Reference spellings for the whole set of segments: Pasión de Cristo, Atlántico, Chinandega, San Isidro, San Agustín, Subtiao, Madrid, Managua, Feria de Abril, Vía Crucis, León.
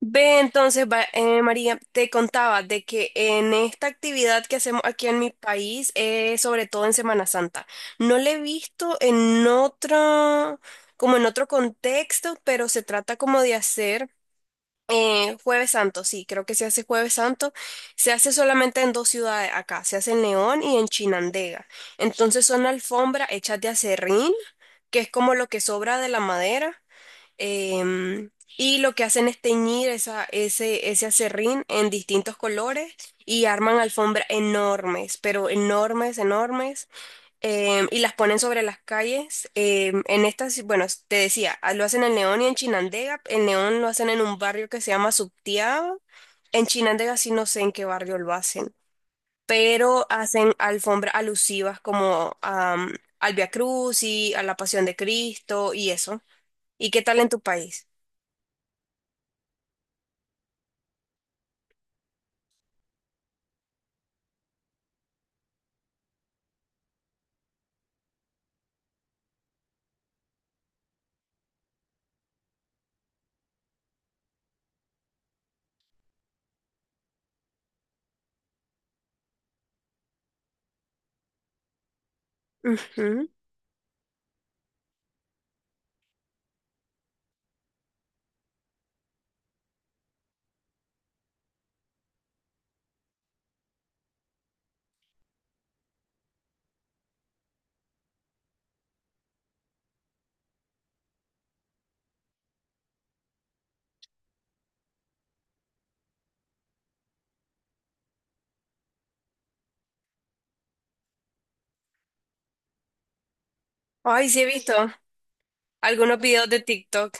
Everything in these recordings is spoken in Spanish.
Ve entonces, María, te contaba de que en esta actividad que hacemos aquí en mi país, sobre todo en Semana Santa, no la he visto en otro, como en otro contexto, pero se trata como de hacer Jueves Santo, sí, creo que se hace Jueves Santo, se hace solamente en dos ciudades acá, se hace en León y en Chinandega. Entonces son alfombras hechas de acerrín, que es como lo que sobra de la madera. Em, y lo que hacen es teñir ese acerrín en distintos colores y arman alfombras enormes, pero enormes, enormes, y las ponen sobre las calles. Em, en estas, bueno, te decía, lo hacen en León y en Chinandega. En León lo hacen en un barrio que se llama Subtiao. En Chinandega sí no sé en qué barrio lo hacen, pero hacen alfombras alusivas al Vía Crucis, a la Pasión de Cristo y eso. ¿Y qué tal en tu país? Ujú. Ay, sí he visto algunos videos de TikTok.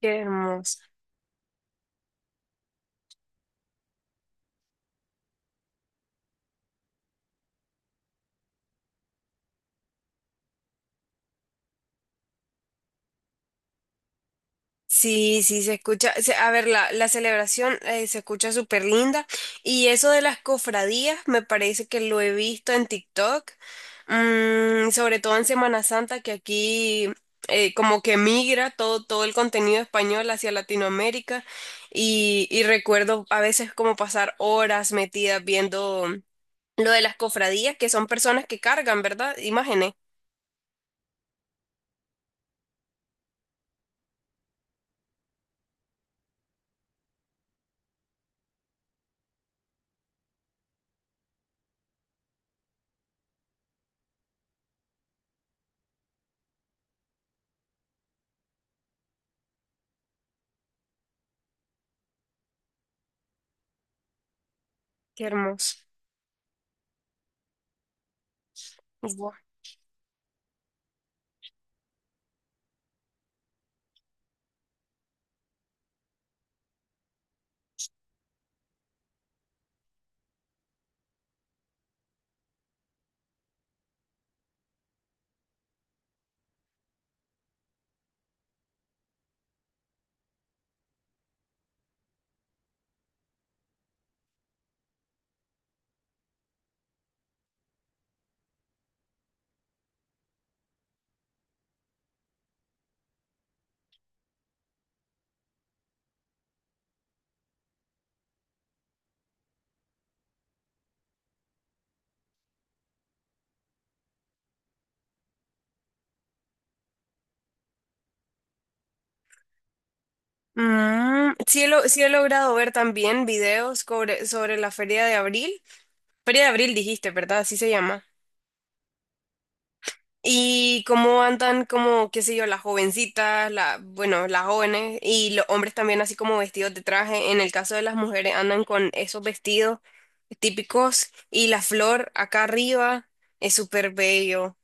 Qué hermoso. Sí, sí, se escucha. A ver, la celebración se escucha súper linda. Y eso de las cofradías, me parece que lo he visto en TikTok. Mm, sobre todo en Semana Santa, que aquí como que migra todo el contenido español hacia Latinoamérica. Y recuerdo a veces como pasar horas metidas viendo lo de las cofradías, que son personas que cargan, ¿verdad? Imágenes. Qué hermoso. Buah. Mm, sí, sí he logrado ver también videos sobre la Feria de Abril. Feria de Abril dijiste, ¿verdad? Así se llama. Y cómo andan como, qué sé yo, las jovencitas, bueno, las jóvenes y los hombres también así como vestidos de traje. En el caso de las mujeres andan con esos vestidos típicos y la flor acá arriba es súper bello.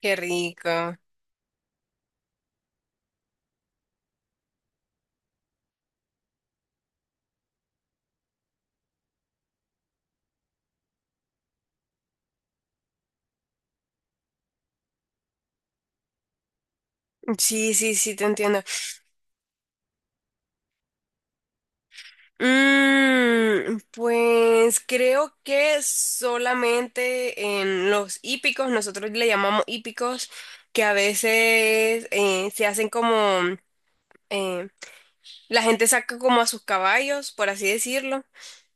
Qué rico. Sí, sí, sí, te entiendo. Mm, pues creo que solamente en los hípicos, nosotros le llamamos hípicos, que a veces eh, la gente saca como a sus caballos, por así decirlo,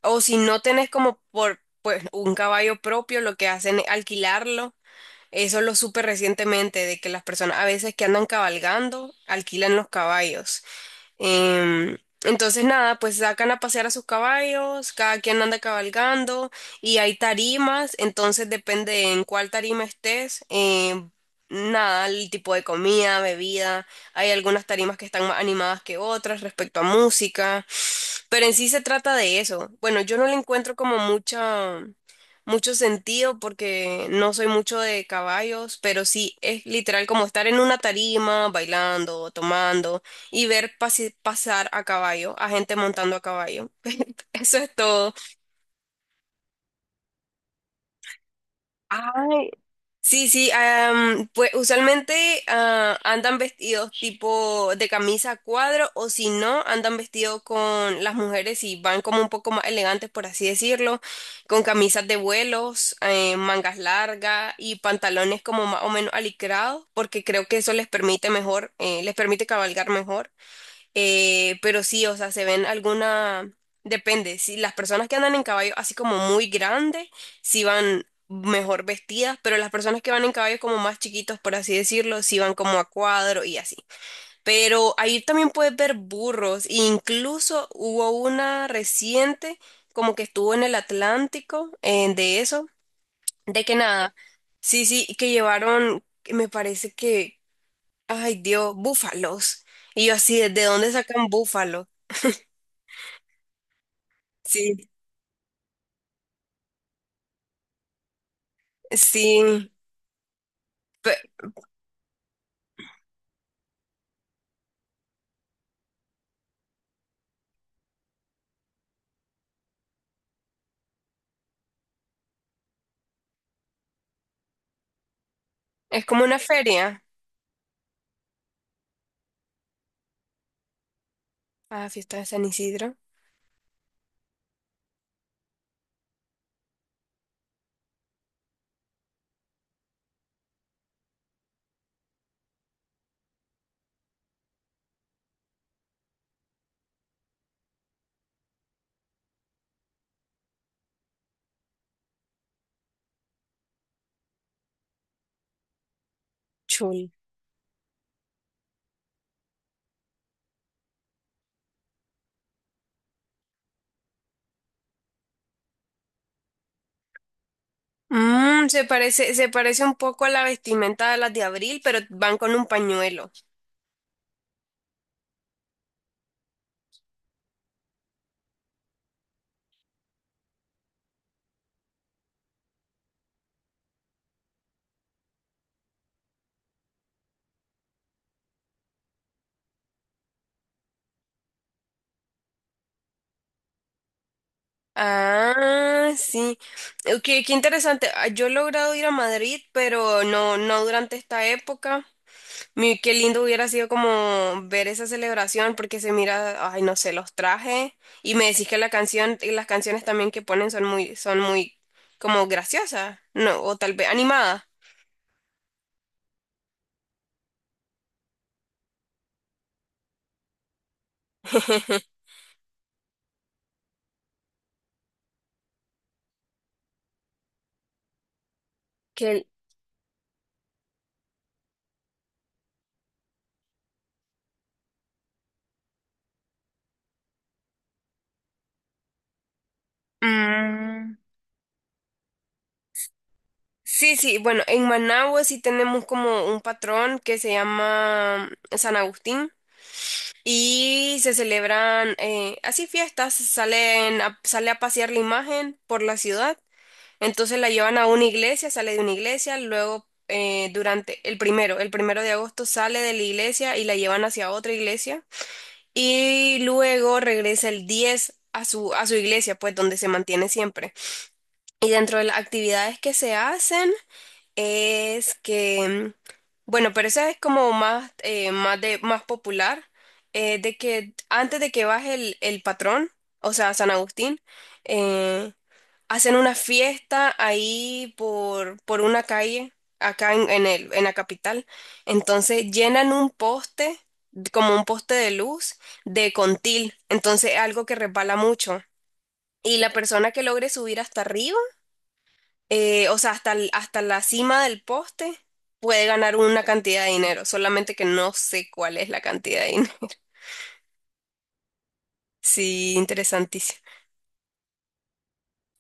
o si no tenés como por pues, un caballo propio, lo que hacen es alquilarlo. Eso lo supe recientemente, de que las personas a veces que andan cabalgando alquilan los caballos. Em, entonces, nada, pues sacan a pasear a sus caballos, cada quien anda cabalgando y hay tarimas, entonces depende en cuál tarima estés, nada, el tipo de comida, bebida, hay algunas tarimas que están más animadas que otras respecto a música, pero en sí se trata de eso. Bueno, yo no le encuentro como mucho sentido porque no soy mucho de caballos, pero sí es literal como estar en una tarima, bailando, tomando y ver pasar a caballo, a gente montando a caballo. Eso es todo. Ay, sí, sí, pues usualmente andan vestidos tipo de camisa a cuadro o si no, andan vestidos con las mujeres y van como un poco más elegantes, por así decirlo, con camisas de vuelos, mangas largas y pantalones como más o menos alicrados, porque creo que eso les permite mejor, les permite cabalgar mejor. Pero sí, o sea, se ven alguna, depende, si las personas que andan en caballo así como muy grandes, sí van mejor vestidas, pero las personas que van en caballos como más chiquitos, por así decirlo, sí van como a cuadro y así. Pero ahí también puedes ver burros, e incluso hubo una reciente, como que estuvo en el Atlántico, de eso, de que nada, sí, sí, que llevaron, me parece que, ay Dios, búfalos. Y yo así, ¿de dónde sacan búfalos? Sí, sí, pe- es como una feria. Ah, fiesta de San Isidro. Chul. Mm, se parece un poco a la vestimenta de las de abril, pero van con un pañuelo. Ah, sí. Qué interesante. Yo he logrado ir a Madrid, pero no durante esta época. Qué lindo hubiera sido como ver esa celebración porque se mira, ay, no sé, los trajes y me decís que la canción y las canciones también que ponen son muy como graciosas, no, o tal vez animadas. Que, mm, sí, sí, bueno, en Managua sí tenemos como un patrón que se llama San Agustín y se celebran así fiestas, sale a pasear la imagen por la ciudad. Entonces la llevan a una iglesia, sale de una iglesia, luego durante el primero, el 1 de agosto sale de la iglesia y la llevan hacia otra iglesia y luego regresa el 10 a su, iglesia, pues donde se mantiene siempre. Y dentro de las actividades que se hacen es que, bueno, pero esa es como más, más popular, de que antes de que baje el, patrón, o sea, San Agustín, eh, Hacen una fiesta ahí por una calle, acá en la capital. Entonces llenan un poste, como un poste de luz, de contil. Entonces algo que resbala mucho. Y la persona que logre subir hasta arriba, o sea, hasta la cima del poste, puede ganar una cantidad de dinero. Solamente que no sé cuál es la cantidad de dinero. Sí, interesantísimo.